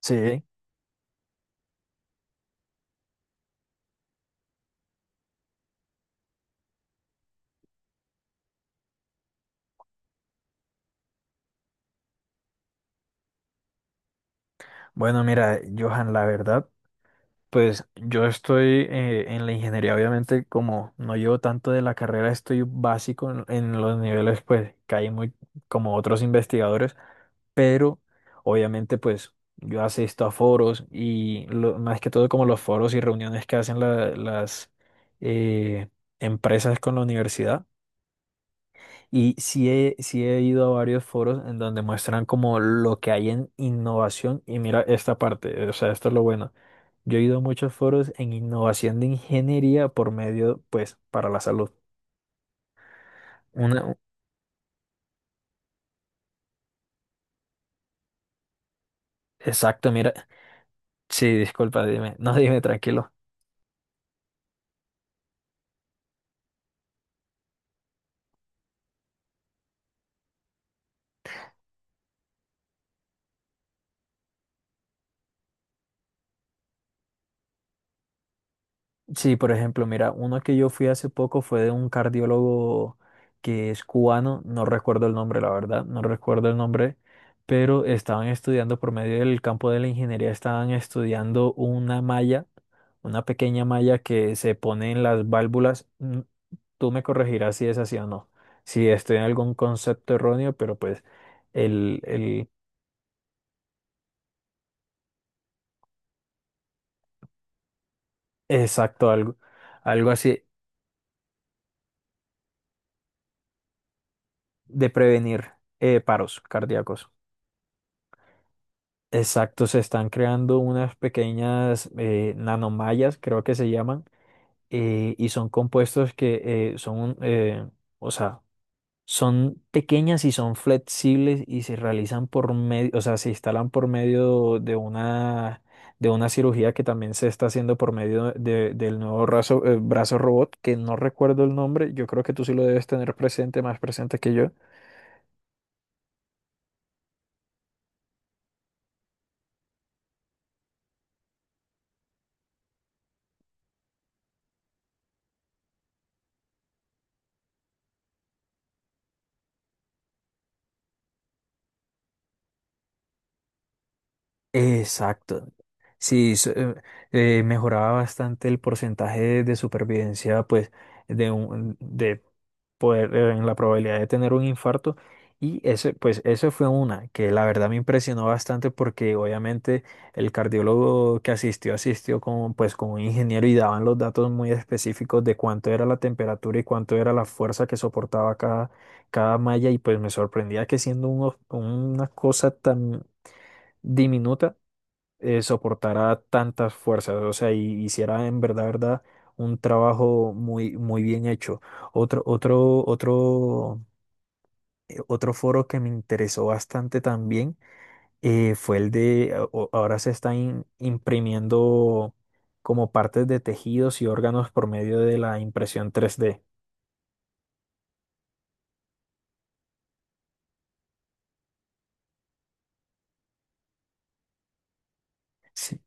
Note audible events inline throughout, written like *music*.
Sí, bueno, mira, Johan, la verdad, pues yo estoy en la ingeniería, obviamente, como no llevo tanto de la carrera, estoy básico en los niveles, pues, que hay muy, como otros investigadores, pero obviamente, pues, yo asisto a foros y más que todo como los foros y reuniones que hacen las eh, empresas con la universidad. Y sí he ido a varios foros en donde muestran como lo que hay en innovación. Y mira esta parte, o sea, esto es lo bueno. Yo he ido a muchos foros en innovación de ingeniería por medio, pues, para la salud. Una, exacto, mira. Sí, disculpa, dime. No, dime, tranquilo. Sí, por ejemplo, mira, uno que yo fui hace poco fue de un cardiólogo que es cubano, no recuerdo el nombre, la verdad, no recuerdo el nombre, pero estaban estudiando por medio del campo de la ingeniería, estaban estudiando una malla, una pequeña malla que se pone en las válvulas. Tú me corregirás si es así o no, si estoy en algún concepto erróneo, pero pues el exacto, algo, algo así de prevenir paros cardíacos. Exacto, se están creando unas pequeñas nanomallas, creo que se llaman, y son compuestos que eh, son, eh, o sea, son pequeñas y son flexibles y se realizan por medio, o sea, se instalan por medio de una cirugía que también se está haciendo por medio del nuevo brazo, brazo robot, que no recuerdo el nombre, yo creo que tú sí lo debes tener presente, más presente que yo. Exacto. Sí, so- eh, Mejoraba bastante el porcentaje de supervivencia, pues, de poder, en la probabilidad de tener un infarto. Y ese, pues, eso fue una que la verdad me impresionó bastante porque obviamente el cardiólogo que asistió, asistió con, pues, con un ingeniero y daban los datos muy específicos de cuánto era la temperatura y cuánto era la fuerza que soportaba cada, cada malla. Y pues me sorprendía que siendo un, una cosa tan diminuta soportara tantas fuerzas, o sea, y hiciera en verdad, verdad, un trabajo muy, muy bien hecho. Otro, otro, otro, otro foro que me interesó bastante también fue el ahora se están imprimiendo como partes de tejidos y órganos por medio de la impresión 3D. Sí,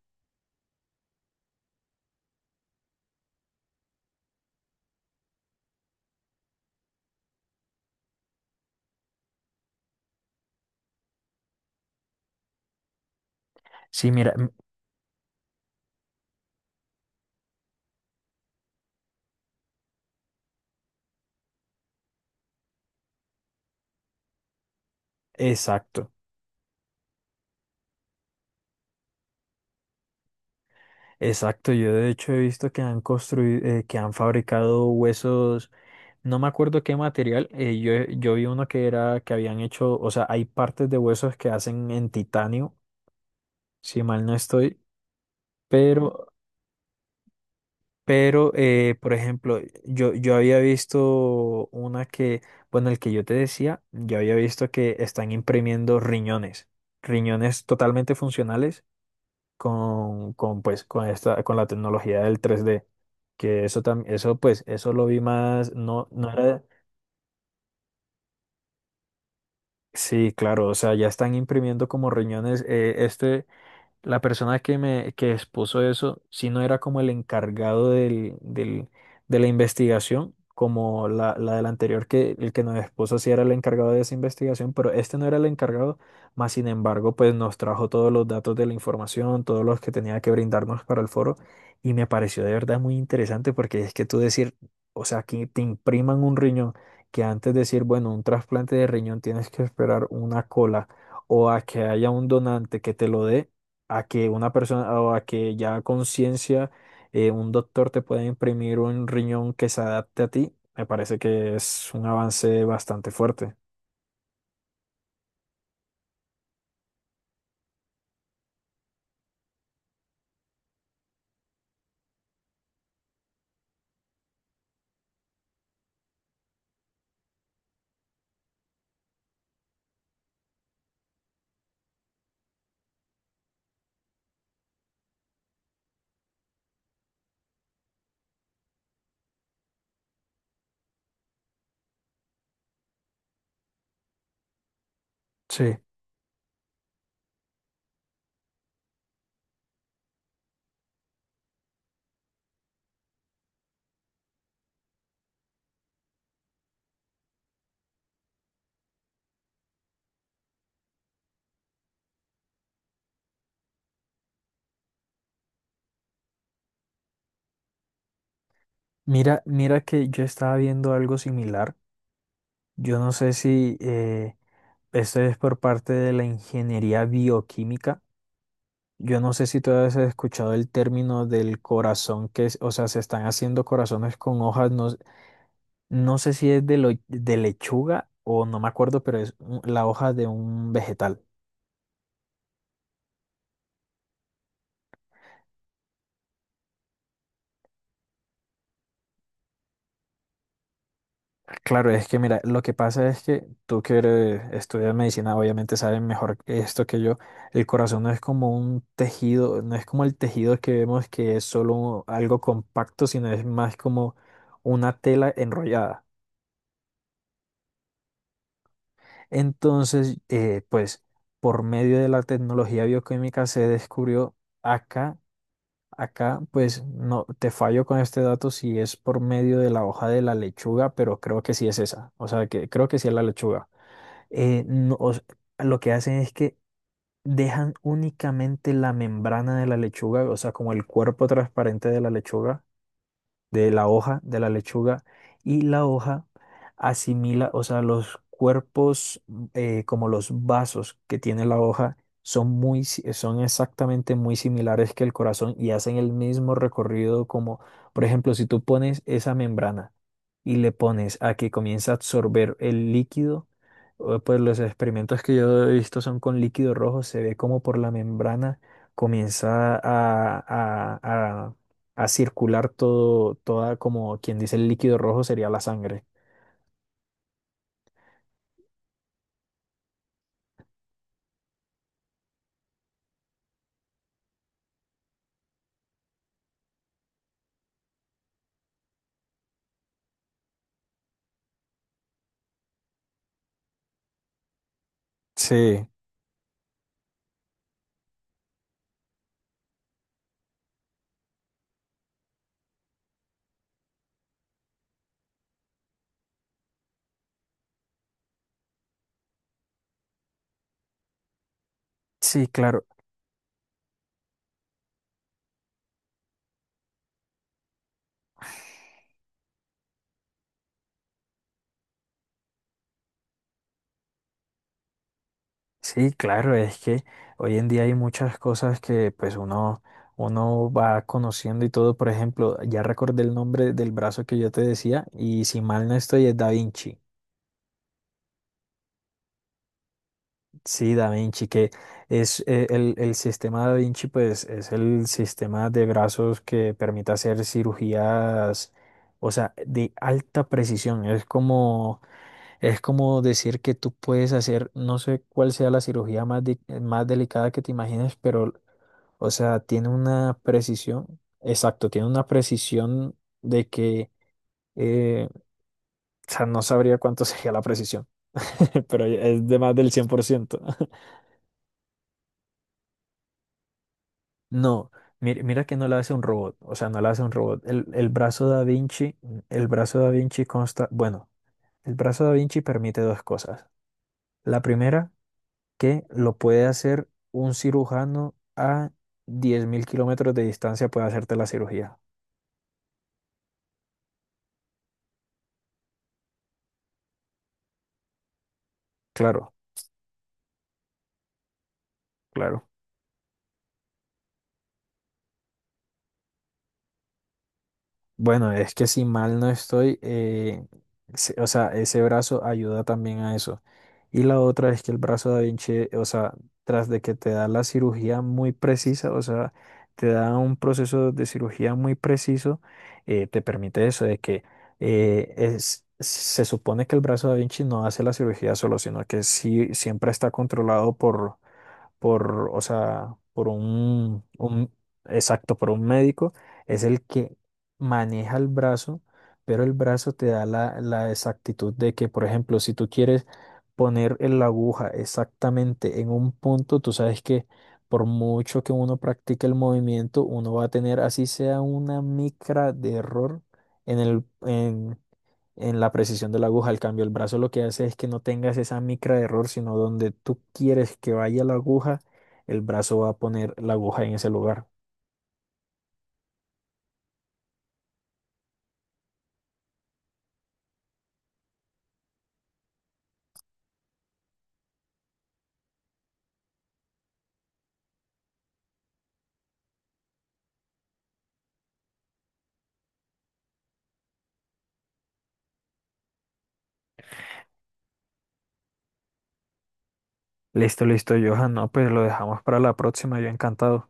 sí, mira, mm, exacto. Exacto, yo de hecho he visto que han construido, que han fabricado huesos. No me acuerdo qué material. Yo vi uno que era que habían hecho, o sea, hay partes de huesos que hacen en titanio, si mal no estoy, pero, pero por ejemplo, yo había visto una que, bueno, el que yo te decía, yo había visto que están imprimiendo riñones, riñones totalmente funcionales pues, con esta, con la tecnología del tres d. Que eso también, eso pues, eso lo vi más, no, no era. Sí, claro, o sea, ya están imprimiendo como riñones. La persona que expuso eso, si no era como el encargado de la investigación, como la del anterior, que el que nos expuso sí era el encargado de esa investigación, pero este no era el encargado, más sin embargo, pues nos trajo todos los datos de la información, todos los que tenía que brindarnos para el foro, y me pareció de verdad muy interesante porque es que tú decir, o sea, que te impriman un riñón, que antes de decir, bueno, un trasplante de riñón tienes que esperar una cola o a que haya un donante que te lo dé a que una persona o a que ya a conciencia un doctor te pueda imprimir un riñón que se adapte a ti, me parece que es un avance bastante fuerte. Sí. Mira, mira que yo estaba viendo algo similar. Yo no sé si esto es por parte de la ingeniería bioquímica. Yo no sé si tú has escuchado el término del corazón que es, o sea, se están haciendo corazones con hojas, no, no sé si es de lechuga o no me acuerdo, pero es la hoja de un vegetal. Claro, es que mira, lo que pasa es que tú estudias medicina, obviamente sabes mejor esto que yo. El corazón no es como un tejido, no es como el tejido que vemos que es solo algo compacto, sino es más como una tela enrollada. Entonces, pues por medio de la tecnología bioquímica se descubrió acá. Acá, pues no te fallo con este dato si es por medio de la hoja de la lechuga, pero creo que sí es esa. O sea, que creo que sí es la lechuga. No, o s- Lo que hacen es que dejan únicamente la membrana de la lechuga, o sea, como el cuerpo transparente de la lechuga, de la hoja, de la lechuga, y la hoja asimila, o sea, los cuerpos como los vasos que tiene la hoja son muy, si- son exactamente muy similares que el corazón y hacen el mismo recorrido como, por ejemplo, si tú pones esa membrana y le pones a que comience a absorber el líquido, o, pues los experimentos que yo he visto son con líquido rojo, se ve como por la membrana comienza a circular todo, toda, como quien dice el líquido rojo sería la sangre. Sí, sí, claro, sí, claro, es que hoy en día hay muchas cosas que pues uno va conociendo y todo, por ejemplo, ya recordé el nombre del brazo que yo te decía y si mal no estoy es Da Vinci. Sí, Da Vinci, que es el sistema Da Vinci, pues es el sistema de brazos que permite hacer cirugías, o sea, de alta precisión. Es como es como decir que tú puedes hacer, no sé cuál sea la cirugía más delicada que te imagines, pero, o sea, tiene una precisión, exacto, tiene una precisión de que, eh, o sea, no sabría cuánto *laughs* sería la precisión, *laughs* pero es de más del cien por ciento. *laughs* No, mira, mira que no la hace un robot, o sea, no la hace un robot. El brazo Da Vinci, el brazo Da Vinci consta, bueno, el brazo Da Vinci permite dos cosas. La primera que lo puede hacer un cirujano a 10.000 kilómetros de distancia, puede hacerte la cirugía. Claro, claro. Bueno, es que si mal no estoy, o sea, ese brazo ayuda también a eso. Y la otra es que el brazo Da Vinci, o sea, tras de que te da la cirugía muy precisa, o sea, te da un proceso de cirugía muy preciso, te permite eso, de que se supone que el brazo Da Vinci no hace la cirugía solo, sino que sí siempre está controlado por, o sea, un, exacto, por un médico, es el que maneja el brazo, pero el brazo te da la exactitud de que, por ejemplo, si tú quieres poner en la aguja exactamente en un punto, tú sabes que por mucho que uno practique el movimiento, uno va a tener, así sea una micra de error en el, en la precisión de la aguja. Al cambio, el brazo lo que hace es que no tengas esa micra de error, sino donde tú quieres que vaya la aguja, el brazo va a poner la aguja en ese lugar. Listo, listo, Johan. No, pues lo dejamos para la próxima. Yo encantado.